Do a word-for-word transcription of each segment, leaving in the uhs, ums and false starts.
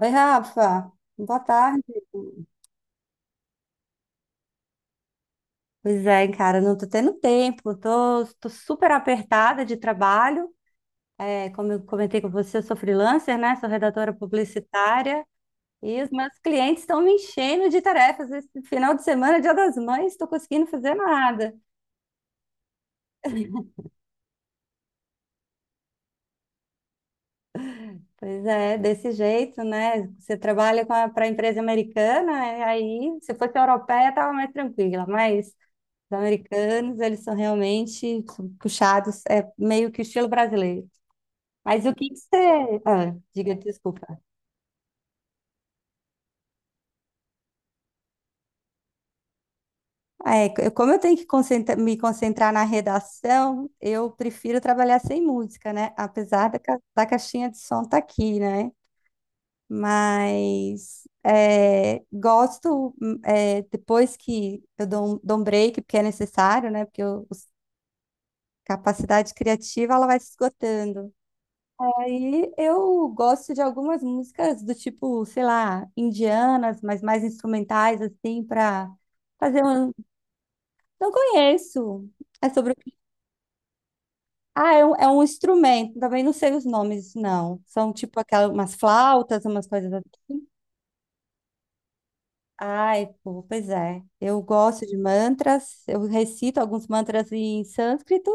Oi, Rafa. Boa tarde. Pois é, cara, não tô tendo tempo. Tô, tô super apertada de trabalho. É, como eu comentei com você, eu sou freelancer, né? Sou redatora publicitária. E os meus clientes estão me enchendo de tarefas. Esse final de semana, Dia das Mães, estou conseguindo fazer nada. Pois é, desse jeito, né? Você trabalha para a pra empresa americana, e aí, se fosse europeia, estava mais tranquila. Mas os americanos, eles são realmente puxados, é meio que o estilo brasileiro. Mas o que que você... Ah, diga, desculpa. Ah, é, eu- como eu tenho que concentra- me concentrar na redação, eu prefiro trabalhar sem música, né? Apesar da, ca- da caixinha de som estar aqui, né? Mas é, gosto, hum, é, depois que eu dou um, dou um break, porque é necessário, né? Porque eu- os- a capacidade criativa, ela vai se esgotando. Aí eu gosto de algumas músicas do tipo, sei lá, indianas, mas mais instrumentais, assim, para fazer um. Não conheço. É sobre o quê? Ah, é um, é um instrumento. Também não sei os nomes, não. São tipo aquelas umas flautas, umas coisas assim. Ai, pô, pois é. Eu gosto de mantras, eu recito alguns mantras em sânscrito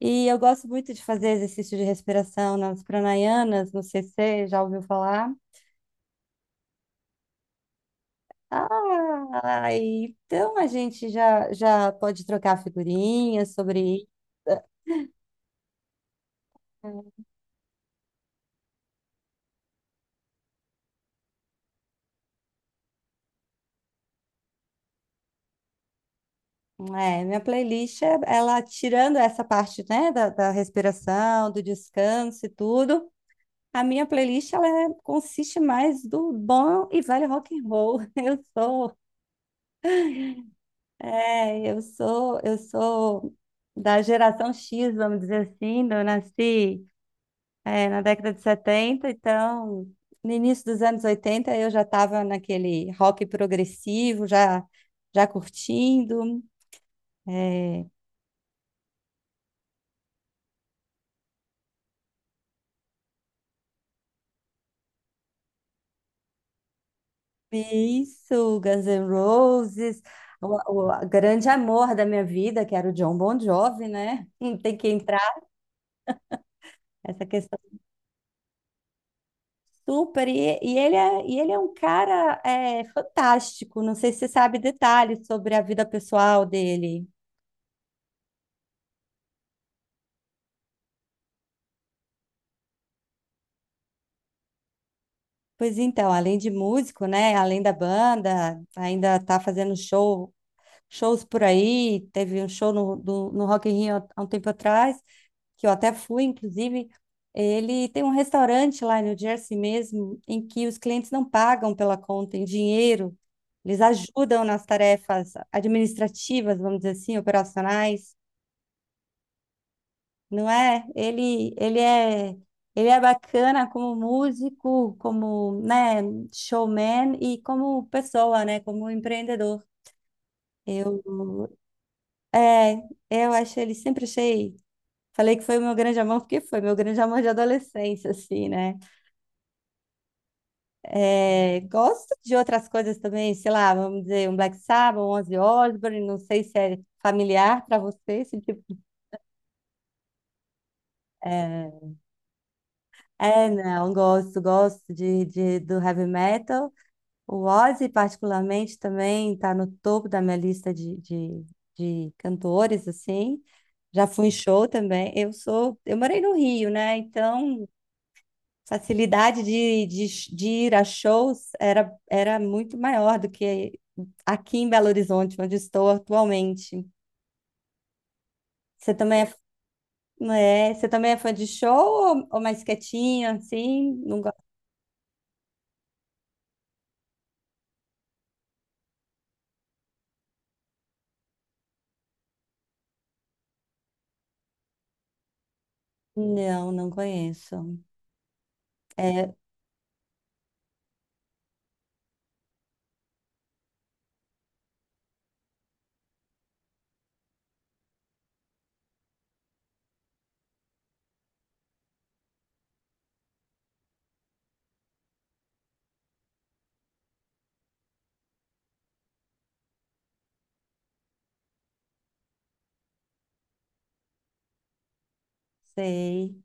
e eu gosto muito de fazer exercício de respiração nas pranayanas, não sei se você já ouviu falar. Ah, então a gente já, já pode trocar figurinhas sobre isso. É, minha playlist, é- ela tirando essa parte, né, da, da respiração, do descanso e tudo, a minha playlist, ela é- consiste mais do bom e velho rock and roll. Eu sou, é, eu sou, eu sou da geração X, vamos dizer assim, eu nasci é, na década de setenta, então, no início dos anos oitenta, eu já estava naquele rock progressivo, já, já curtindo. É, isso, Guns N' Roses, o, o grande amor da minha vida, que era o John Bon Jovi, né? Não, tem que entrar essa questão. Super. E, e ele é, e ele é um cara é, fantástico. Não sei se você sabe detalhes sobre a vida pessoal dele. Pois então, além de músico, né? Além da banda, ainda tá fazendo show, shows por aí. Teve um show no, do- no Rock in Rio há um tempo atrás, que eu até fui, inclusive. Ele tem um restaurante lá em New Jersey mesmo, em que os clientes não pagam pela conta em dinheiro. Eles ajudam nas tarefas administrativas, vamos dizer assim, operacionais, não é? Ele, ele é, ele é bacana como músico, como, né, showman e como pessoa, né, como empreendedor. Eu, é, eu acho ele, sempre achei. Falei que foi o meu grande amor, porque foi meu grande amor de adolescência, assim, né? É, gosto de outras coisas também, sei lá, vamos dizer, um Black Sabbath, um Ozzy Osbourne, não sei se é familiar para você, esse tipo. É, é, não, gosto, gosto de, de, do heavy metal. O Ozzy, particularmente, também está no topo da minha lista de, de, de cantores, assim. Já fui em show também. Eu sou, eu morei no Rio, né? Então, facilidade de, de, de ir a shows era, era muito maior do que aqui em Belo Horizonte, onde estou atualmente. Você também é, não é, você também é fã de show ou, ou mais quietinho, assim? Não, go- não, não conheço. É, sei.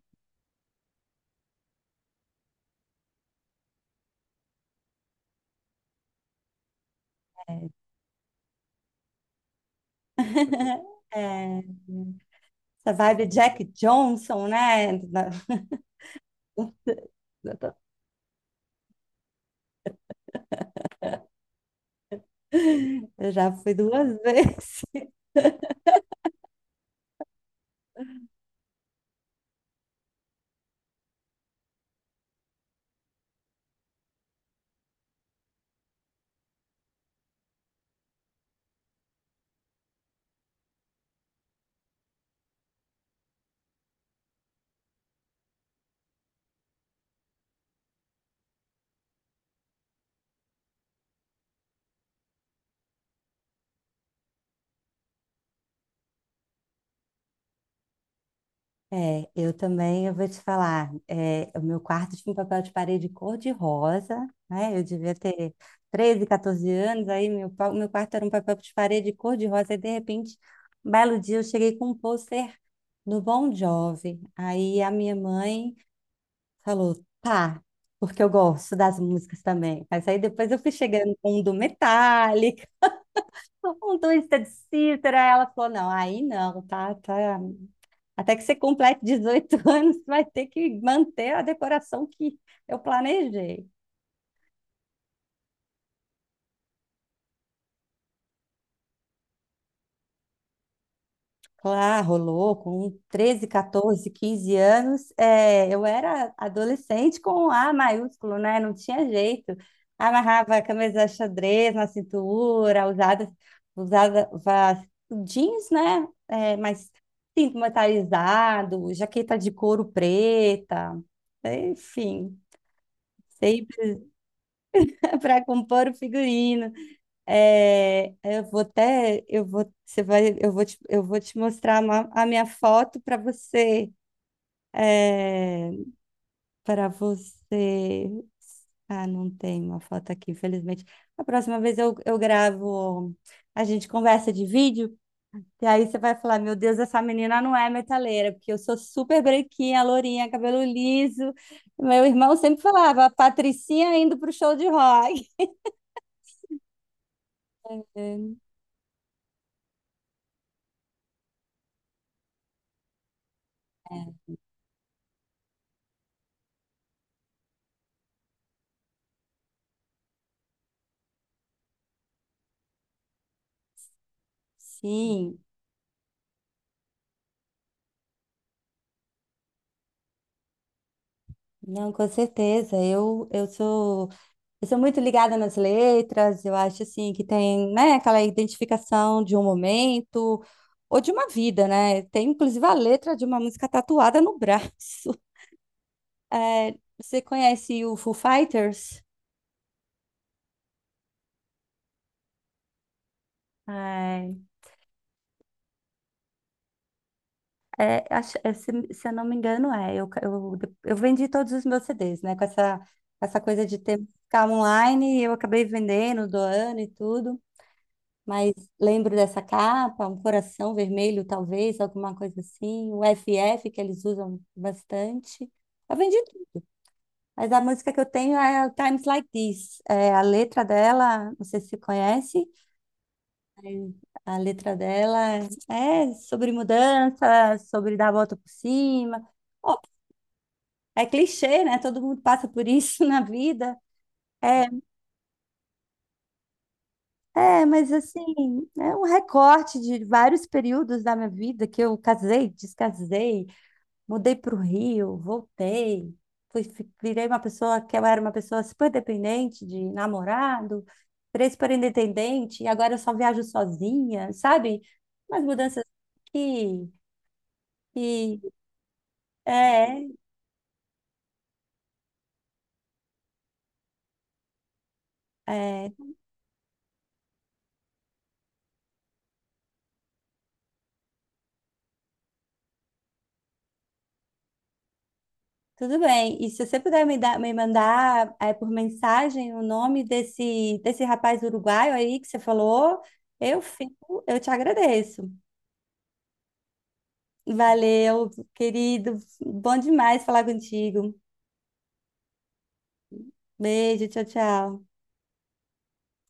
É. É, essa vibe Jack Johnson, né? Eu já fui duas vezes. É, eu também, eu vou te falar, é, o meu quarto tinha um papel de parede cor-de-rosa, né? Eu devia ter treze, quatorze anos, aí meu, pa- meu quarto era um papel de parede cor-de-rosa, e de repente, um belo dia, eu cheguei com um pôster no Bon Jovi. Aí a minha mãe falou, tá, porque eu gosto das músicas também. Mas aí depois eu fui chegando com um do Metallica, um do Twisted Sister, aí ela falou, não, aí não, tá, tá. Até que você complete dezoito anos, vai ter que manter a decoração que eu planejei. Claro, rolou com treze, quatorze, quinze anos. É, eu era adolescente com A maiúsculo, né? Não tinha jeito. Amarrava a camisa xadrez na cintura, usada, usava jeans, né? É, mas cinto metalizado, jaqueta de couro preta, enfim, sempre para compor o figurino. É, eu vou até, eu vou, você vai, eu vou te, eu vou te mostrar uma- a minha foto para você, é, para você. Ah, não tem uma foto aqui, infelizmente. A próxima vez eu, eu gravo, a gente conversa de vídeo, e aí você vai falar, meu Deus, essa menina não é metaleira, porque eu sou super branquinha, lourinha, cabelo liso. Meu irmão sempre falava, a Patricinha indo pro show de rock. É, sim. Não, com certeza. Eu, eu sou, eu sou muito ligada nas letras. Eu acho assim que tem, né, aquela identificação de um momento ou de uma vida, né? Tem inclusive a letra de uma música tatuada no braço. É, você conhece o Foo Fighters? Ai, é, acho- é, se, se eu não me engano, é. Eu, ca- eu, eu vendi todos os meus C Ds, né? Com essa, essa coisa de ter música online, eu acabei vendendo, doando e tudo. Mas lembro dessa capa, um coração vermelho, talvez, alguma coisa assim. O F F, que eles usam bastante. Eu vendi tudo. Mas a música que eu tenho é o Times Like This. É, a letra dela, não sei se você conhece, mas a letra dela é sobre mudança, sobre dar a volta por cima. Ó, é clichê, né? Todo mundo passa por isso na vida. É, é, mas assim, é um recorte de vários períodos da minha vida que eu casei, descasei, mudei para o Rio, voltei, fui, fi- virei uma pessoa que eu era uma pessoa super dependente de namorado, virei super independente, e agora eu só viajo sozinha, sabe? Umas mudanças que, que é, é, tudo bem. E se você puder me dar, me mandar é, por mensagem o nome desse, desse rapaz uruguaio aí que você falou, eu fico, eu te agradeço. Valeu, querido, bom demais falar contigo. Beijo, tchau, tchau.